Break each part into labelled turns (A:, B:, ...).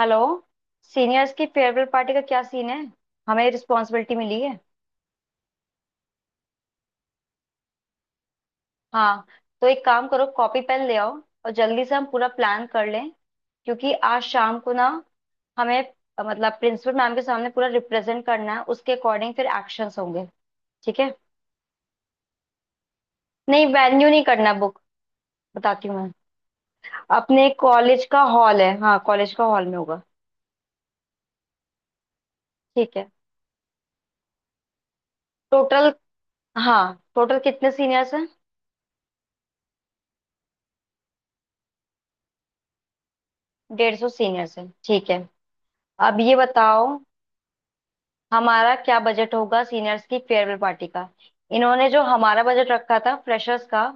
A: Hello. Seniors की farewell party का क्या सीन है? हमें रिस्पॉन्सिबिलिटी मिली है। हाँ, तो एक काम करो, कॉपी पेन ले आओ और जल्दी से हम पूरा प्लान कर लें, क्योंकि आज शाम को ना हमें मतलब प्रिंसिपल मैम के सामने पूरा रिप्रेजेंट करना है, उसके अकॉर्डिंग फिर एक्शंस होंगे। ठीक है। नहीं, वेन्यू नहीं करना बुक। बताती हूँ मैं। अपने कॉलेज का हॉल है, हाँ कॉलेज का हॉल में होगा। ठीक है। टोटल, हाँ टोटल कितने सीनियर्स हैं? 150 सीनियर्स हैं? ठीक है। अब ये बताओ, हमारा क्या बजट होगा सीनियर्स की फेयरवेल पार्टी का? इन्होंने जो हमारा बजट रखा था फ्रेशर्स का,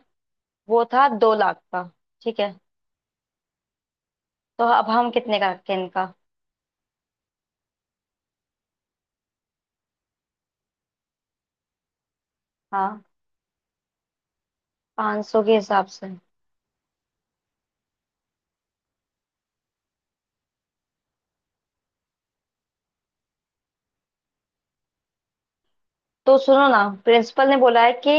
A: वो था 2 लाख का। ठीक है। तो अब हम कितने का रखें इनका? हाँ, 500 के हिसाब से। तो सुनो ना, प्रिंसिपल ने बोला है कि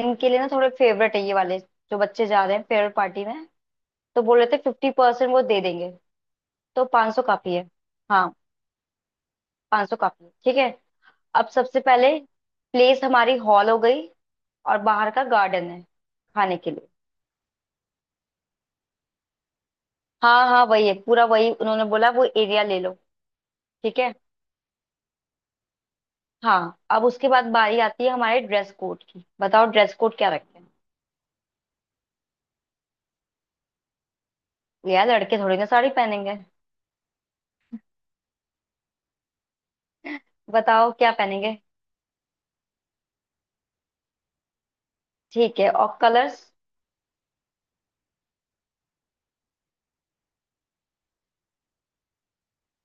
A: इनके लिए ना थोड़े फेवरेट है ये वाले जो बच्चे जा रहे हैं फेयरवेल पार्टी में, तो बोल रहे थे 50% वो दे देंगे, तो 500 काफी है। हाँ, 500 काफी है। ठीक है। अब सबसे पहले प्लेस हमारी हॉल हो गई और बाहर का गार्डन है खाने के लिए। हाँ हाँ वही है, पूरा वही उन्होंने बोला, वो एरिया ले लो। ठीक है। हाँ, अब उसके बाद बारी आती है हमारे ड्रेस कोड की। बताओ ड्रेस कोड क्या रखें? यार लड़के थोड़ी ना साड़ी पहनेंगे। बताओ क्या पहनेंगे? ठीक है, और कलर्स?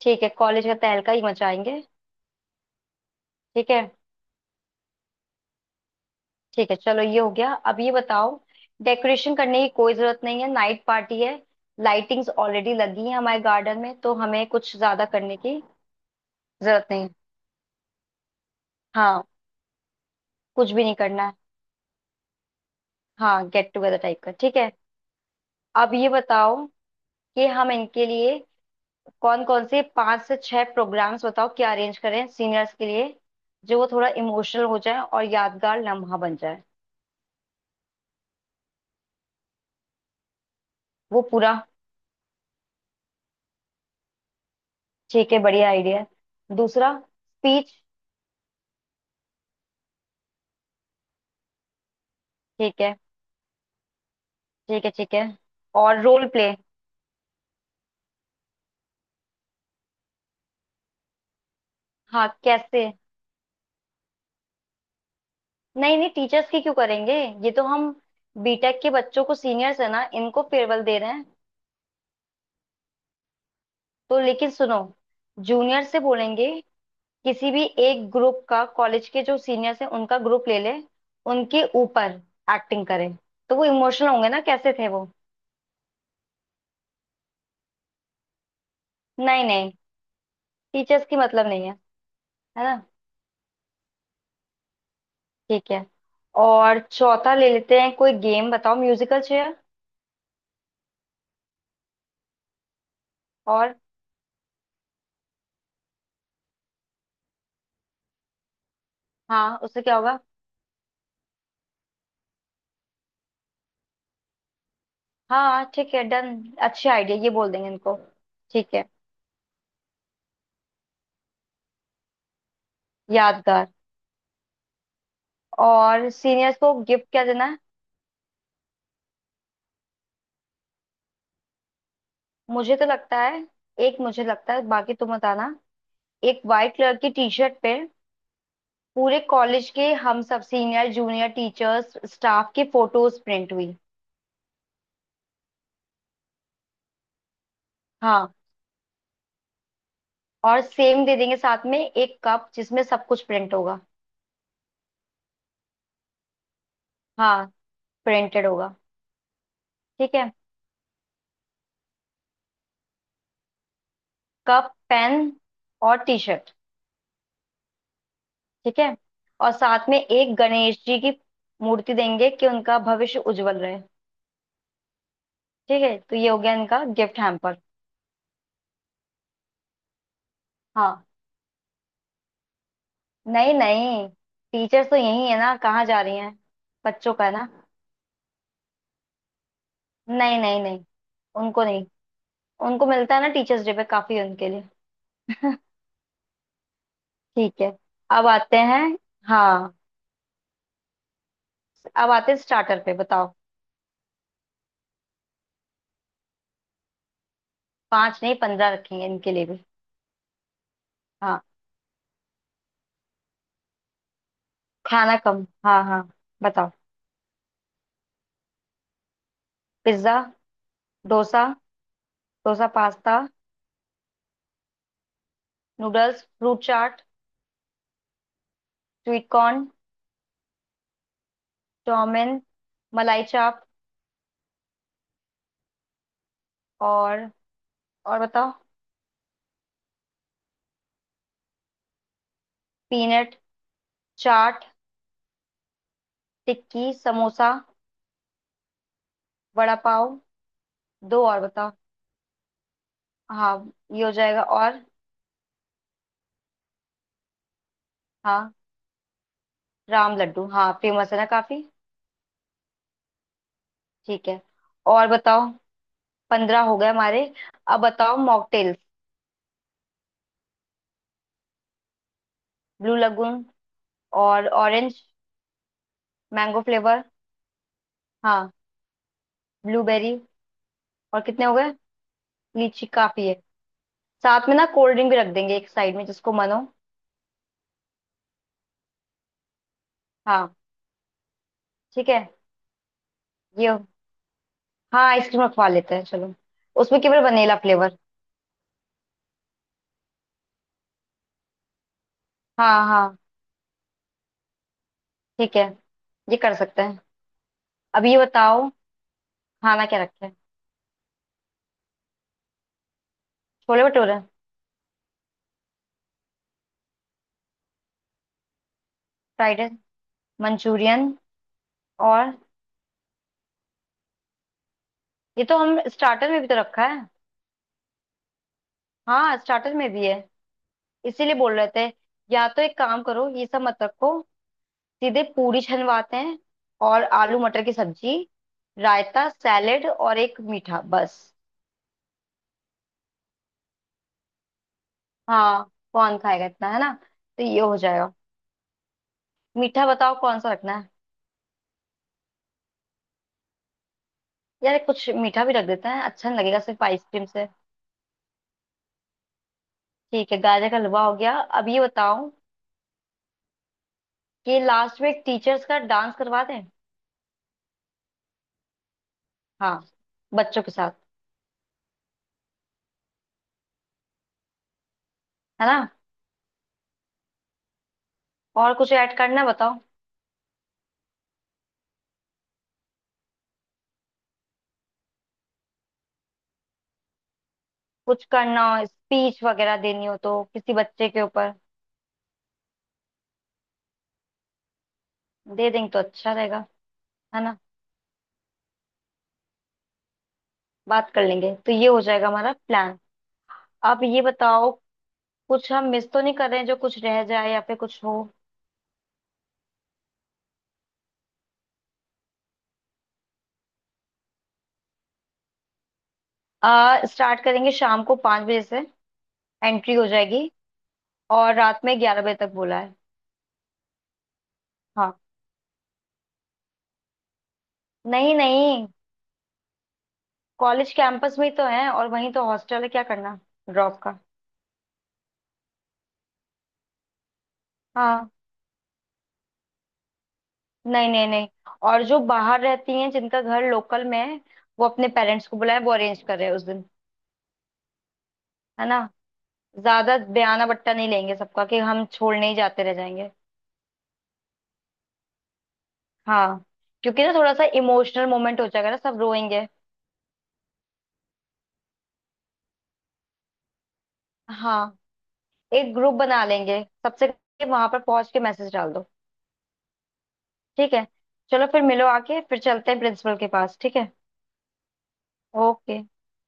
A: ठीक है, कॉलेज का तहलका ही मचाएंगे। ठीक है। ठीक है, चलो ये हो गया। अब ये बताओ, डेकोरेशन करने की कोई जरूरत नहीं है, नाइट पार्टी है। लाइटिंग्स ऑलरेडी लगी है हमारे गार्डन में, तो हमें कुछ ज्यादा करने की जरूरत नहीं है। हाँ, कुछ भी नहीं करना है। हाँ, गेट टुगेदर टाइप का ठीक है। अब ये बताओ कि हम इनके लिए कौन कौन से पांच से छह प्रोग्राम्स, बताओ क्या अरेंज करें सीनियर्स के लिए, जो वो थोड़ा इमोशनल हो जाए और यादगार लम्हा बन जाए? वो पूरा। ठीक है, बढ़िया आइडिया है दूसरा स्पीच। ठीक है। ठीक है। ठीक है। और रोल प्ले। हाँ कैसे? नहीं नहीं, टीचर्स की क्यों करेंगे? ये तो हम बीटेक के बच्चों को, सीनियर्स है ना इनको, फेयरवेल दे रहे हैं। तो लेकिन सुनो, जूनियर से बोलेंगे किसी भी एक ग्रुप का, कॉलेज के जो सीनियर्स हैं उनका ग्रुप ले ले, उनके ऊपर एक्टिंग करे तो वो इमोशनल होंगे ना, कैसे थे वो। नहीं नहीं, टीचर्स की मतलब नहीं है। है ना? ठीक है। और चौथा ले लेते हैं कोई गेम, बताओ। Musical chair. और? हाँ उससे क्या होगा? हाँ ठीक है डन। अच्छे आइडिया, ये बोल देंगे इनको। ठीक है। यादगार। और सीनियर्स को गिफ्ट क्या देना है? मुझे तो लगता है, एक मुझे लगता है, बाकी तुम बताना। एक वाइट कलर की टी शर्ट पे पूरे कॉलेज के हम सब सीनियर जूनियर टीचर्स स्टाफ की फोटोज प्रिंट हुई। हाँ, और सेम दे देंगे साथ में एक कप, जिसमें सब कुछ प्रिंट होगा। हाँ, प्रिंटेड होगा। ठीक है। कप पेन और टी शर्ट। ठीक है। और साथ में एक गणेश जी की मूर्ति देंगे कि उनका भविष्य उज्जवल रहे। ठीक है, तो ये हो गया इनका गिफ्ट हैम्पर। हाँ। नहीं नहीं, टीचर्स तो यही है ना, कहाँ जा रही हैं? बच्चों का है ना? नहीं नहीं नहीं, उनको नहीं। उनको मिलता है ना टीचर्स डे पे काफी उनके लिए। ठीक है। अब आते हैं, हाँ अब आते हैं स्टार्टर पे। बताओ। पांच नहीं, 15 रखेंगे इनके लिए भी। हाँ खाना कम, हाँ हाँ। बताओ। Pizza. Dosa. Dosa pasta. Noodles fruit chaat. Sweet corn. Chowmein. मलाई चाप। और? और बताओ। पीनट। चाट। टिक्की समोसा। वड़ा पाव। दो और बताओ, हाँ ये हो जाएगा। और? हाँ राम लड्डू। हाँ, फेमस है ना काफी। ठीक है। और बताओ। 15 हो गए हमारे। अब बताओ मॉकटेल्स। Blue lagoon. और ऑरेंज। Mango flavour. हाँ, ब्लूबेरी। और कितने हो गए? लीची काफी है। साथ में ना कोल्ड ड्रिंक भी रख देंगे एक साइड में, जिसको मन हो। हाँ। ठीक है। ये हो- हाँ आइसक्रीम रखवा लेते हैं, चलो। उसमें केवल वनीला फ्लेवर। हाँ हाँ। ठीक है, ये कर सकते हैं। अब ये बताओ, खाना क्या रखें? Chole bhature. Fried rice manchurian. और? ये तो हम स्टार्टर में भी तो रखा है। हाँ, स्टार्टर में भी है। इसीलिए बोल रहे थे, या तो एक काम करो, ये सब मत रखो। सीधे पूरी छनवाते हैं और आलू मटर की सब्जी, रायता सैलेड और एक मीठा बस। हाँ, कौन खाएगा इतना, है ना? तो ये हो जाएगा। मीठा बताओ कौन सा रखना है? यार कुछ मीठा भी रख देते हैं, अच्छा नहीं लगेगा सिर्फ आइसक्रीम से। ठीक है, गाजर का हलवा हो गया। अब ये बताओ कि लास्ट में एक टीचर्स का डांस करवा दें? हाँ, बच्चों के साथ। है ना? और कुछ ऐड करना है, बताओ? कुछ करना हो, स्पीच वगैरह देनी हो तो किसी बच्चे के ऊपर। दे देंगे तो अच्छा रहेगा। है ना? बात कर लेंगे, तो ये हो जाएगा हमारा प्लान। अब ये बताओ, कुछ हम मिस तो नहीं कर रहे हैं जो कुछ रह जाए या फिर कुछ हो? आ स्टार्ट करेंगे शाम को 5 बजे से। एंट्री हो जाएगी। और रात में 11 बजे तक बोला है। हाँ, नहीं नहीं, कॉलेज कैंपस में ही तो है और वहीं तो हॉस्टल है, क्या करना ड्रॉप का? हाँ। नहीं नहीं नहीं। और जो बाहर रहती हैं जिनका घर लोकल में है, वो अपने पेरेंट्स को बुलाए, वो अरेंज कर रहे हैं उस दिन। है ना? ज्यादा बयाना बट्टा नहीं लेंगे सबका, कि हम छोड़ने ही जाते रह जाएंगे। हाँ, क्योंकि ना थोड़ा सा इमोशनल मोमेंट हो जाएगा ना, सब रोएंगे। हाँ, एक ग्रुप बना लेंगे सबसे, वहां पर पहुंच के मैसेज डाल दो। ठीक है, चलो फिर मिलो आके फिर चलते हैं प्रिंसिपल के पास, ठीक है? ओके।